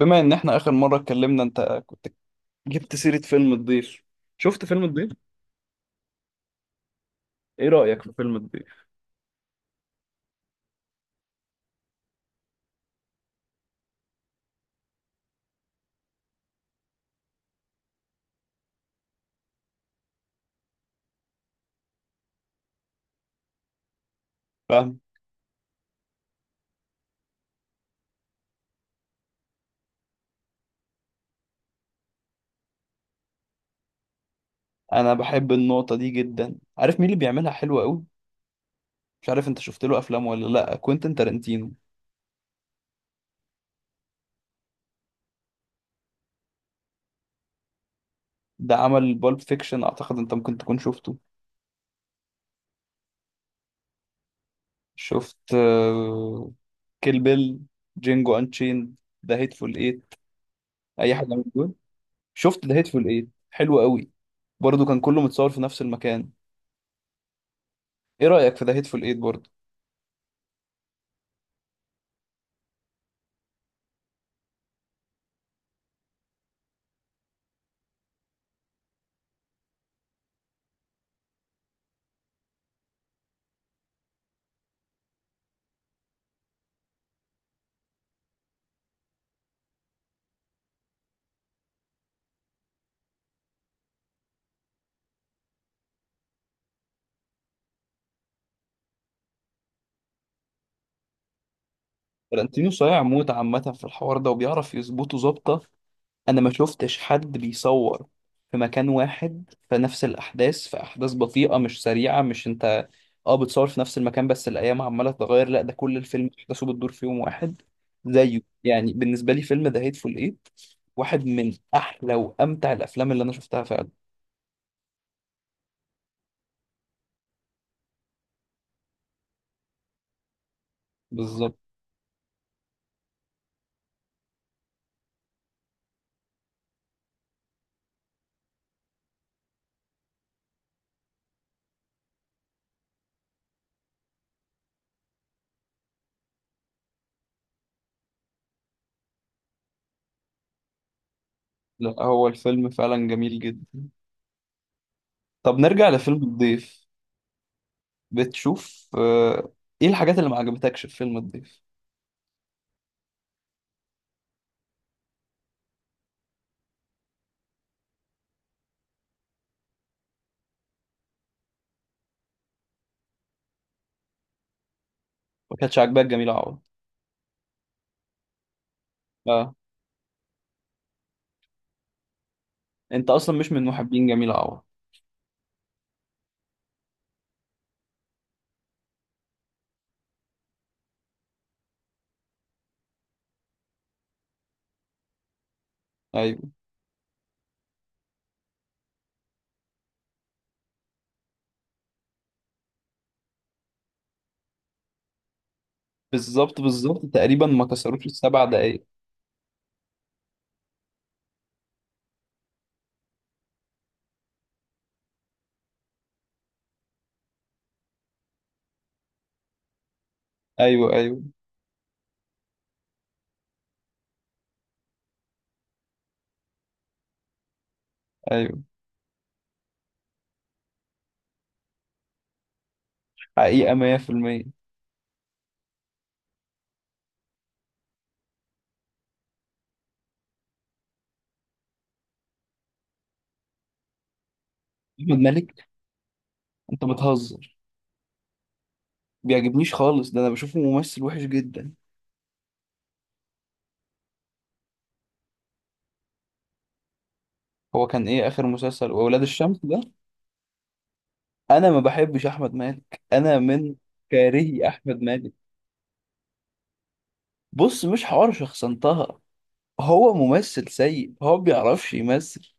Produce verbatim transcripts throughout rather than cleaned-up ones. بما ان احنا اخر مره اتكلمنا، انت كنت جبت سيره فيلم الضيف. شفت فيلم الضيف؟ ايه رايك في فيلم الضيف؟ فاهم. انا بحب النقطه دي جدا، عارف مين اللي بيعملها حلوه قوي؟ مش عارف انت شفت له افلام ولا لا، كوينتين تارانتينو. ده عمل بالب فيكشن، اعتقد انت ممكن تكون شفته. شفت كيل بيل؟ جينجو انشين؟ ذا هيتفول ايت؟ اي حاجه من دول؟ شفت ذا هيتفول ايت، حلو قوي. برضه كان كله متصور في نفس المكان. ايه رايك في ذا هيتفول ايت برضه؟ فلانتينو صايع موت عامة في الحوار ده وبيعرف يظبطه ظابطة. أنا ما شفتش حد بيصور في مكان واحد في نفس الأحداث، في أحداث بطيئة مش سريعة. مش أنت أه بتصور في نفس المكان بس الأيام عمالة تتغير، لا ده كل الفيلم أحداثه بتدور في يوم واحد. زيه يعني بالنسبة لي فيلم ذا هيتفول إيت واحد من أحلى وأمتع الأفلام اللي أنا شفتها فعلا. بالظبط. لا هو الفيلم فعلا جميل جدا. طب نرجع لفيلم الضيف. بتشوف آه، إيه الحاجات اللي ما عجبتكش في فيلم الضيف؟ ما كانتش عاجباك جميلة عوض؟ اه انت اصلا مش من محبين جميلة عوض؟ ايوه. بالظبط بالظبط تقريبا ما كسروش السبع دقايق. ايوه ايوه ايوه. حقيقة مية بالمية. احمد مالك، انت بتهزر؟ بيعجبنيش خالص، ده انا بشوفه ممثل وحش جدا. هو كان ايه اخر مسلسل، واولاد الشمس ده؟ انا ما بحبش احمد مالك، انا من كارهي احمد مالك. بص مش حوار شخصنتها، هو ممثل سيء، هو ما بيعرفش يمثل.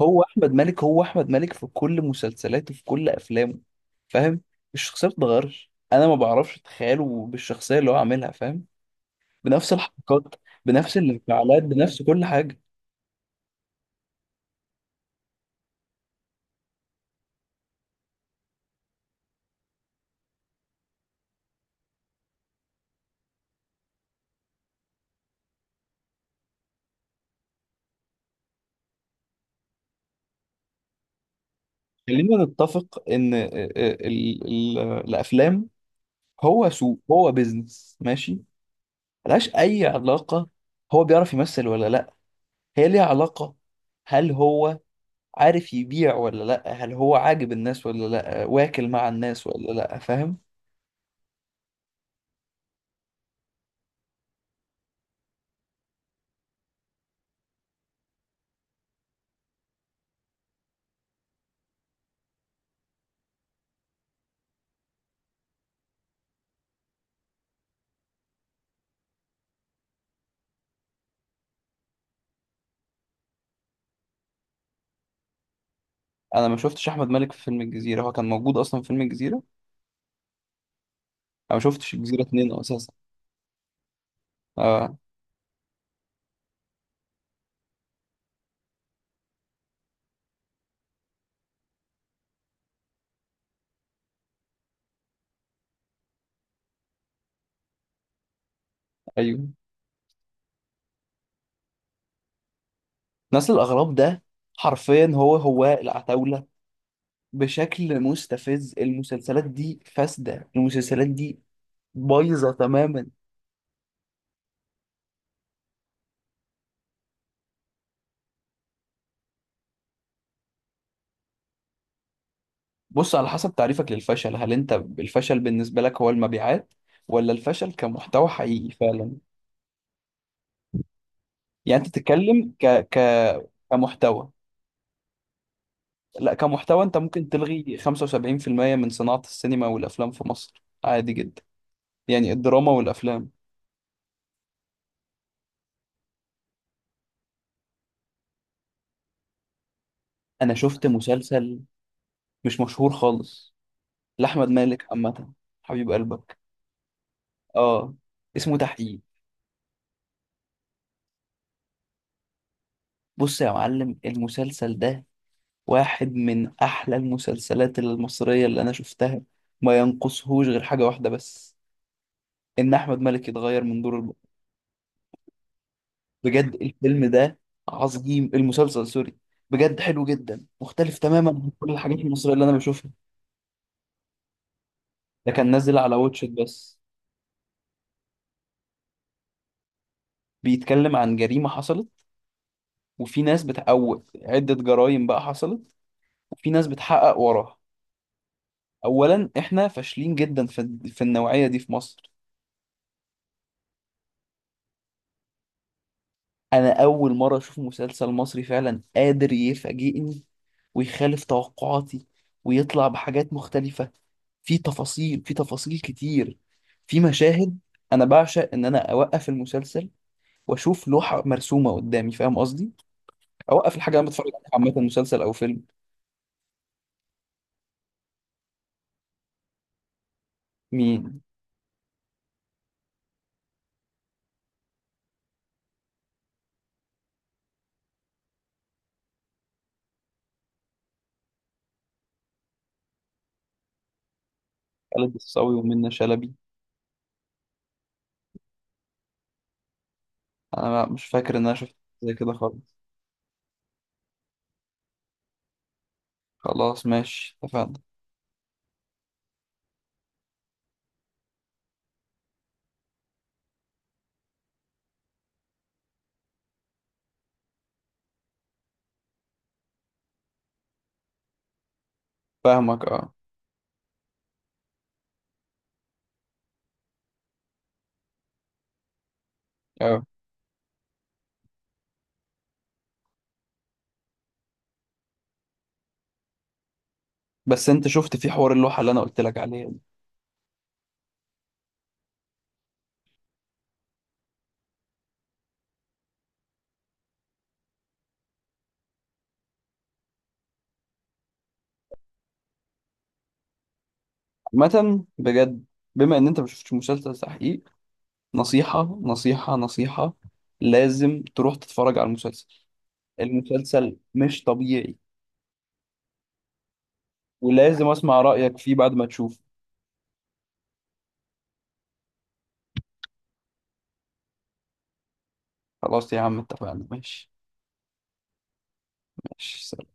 هو احمد مالك هو احمد مالك في كل مسلسلاته في كل افلامه. فاهم. الشخصيه ما بتتغيرش، انا ما بعرفش اتخيله بالشخصيه اللي هو عاملها، فاهم؟ بنفس الحركات بنفس الانفعالات بنفس كل حاجه. خلينا نتفق ان ال- ال- ال- الافلام هو سوق، هو بيزنس، ماشي. ملهاش اي علاقه هو بيعرف يمثل ولا لا، هي ليها علاقه، هل هو عارف يبيع ولا لا، هل هو عاجب الناس ولا لا، واكل مع الناس ولا لا، فاهم؟ انا ما شفتش احمد مالك في فيلم الجزيره، هو كان موجود اصلا في فيلم الجزيره؟ انا ما شفتش الجزيره اتنين اساسا. اه. ايوه. نسل الاغراب ده حرفيا هو هو العتاوله بشكل مستفز. المسلسلات دي فاسده، المسلسلات دي بايظه تماما. بص، على حسب تعريفك للفشل، هل انت الفشل بالنسبه لك هو المبيعات ولا الفشل كمحتوى حقيقي فعلا؟ يعني انت تتكلم ك ك كمحتوى لا كمحتوى، انت ممكن تلغي خمسة وسبعين بالمية من صناعه السينما والافلام في مصر عادي جدا. يعني الدراما والافلام. انا شفت مسلسل مش مشهور خالص لأحمد مالك عامة. حبيب قلبك. اه. اسمه تحقيق. بص يا معلم، المسلسل ده واحد من أحلى المسلسلات المصرية اللي أنا شفتها، ما ينقصهوش غير حاجة واحدة بس. إن أحمد مالك يتغير من دور البطل. بجد الفيلم ده عظيم، المسلسل سوري. بجد حلو جدا، مختلف تماما عن كل الحاجات المصرية اللي أنا بشوفها. ده كان نازل على واتشت بس. بيتكلم عن جريمة حصلت، وفي ناس بتقوت عدة جرائم بقى حصلت، وفي ناس بتحقق وراها. اولا احنا فاشلين جدا في في النوعيه دي في مصر. انا اول مره اشوف مسلسل مصري فعلا قادر يفاجئني ويخالف توقعاتي ويطلع بحاجات مختلفه، في تفاصيل، في تفاصيل كتير، في مشاهد. انا بعشق ان انا اوقف المسلسل واشوف لوحه مرسومه قدامي، فاهم قصدي؟ اوقف الحاجه اللي انا بتفرج عليها، عامه مسلسل او فيلم. مين؟ خالد الصاوي ومنة شلبي. انا مش فاكر ان انا شفت زي كده خالص. خلاص ماشي اتفقنا. فاهمك اه. اه بس انت شفت في حوار اللوحه اللي انا قلت لك عليها دي؟ عامه بجد، بما ان انت ما شفتش مسلسل تحقيق، نصيحه نصيحه نصيحه لازم تروح تتفرج على المسلسل. المسلسل مش طبيعي. ولازم اسمع رايك فيه بعد ما تشوف. خلاص يا عم اتفقنا، ماشي، ماشي.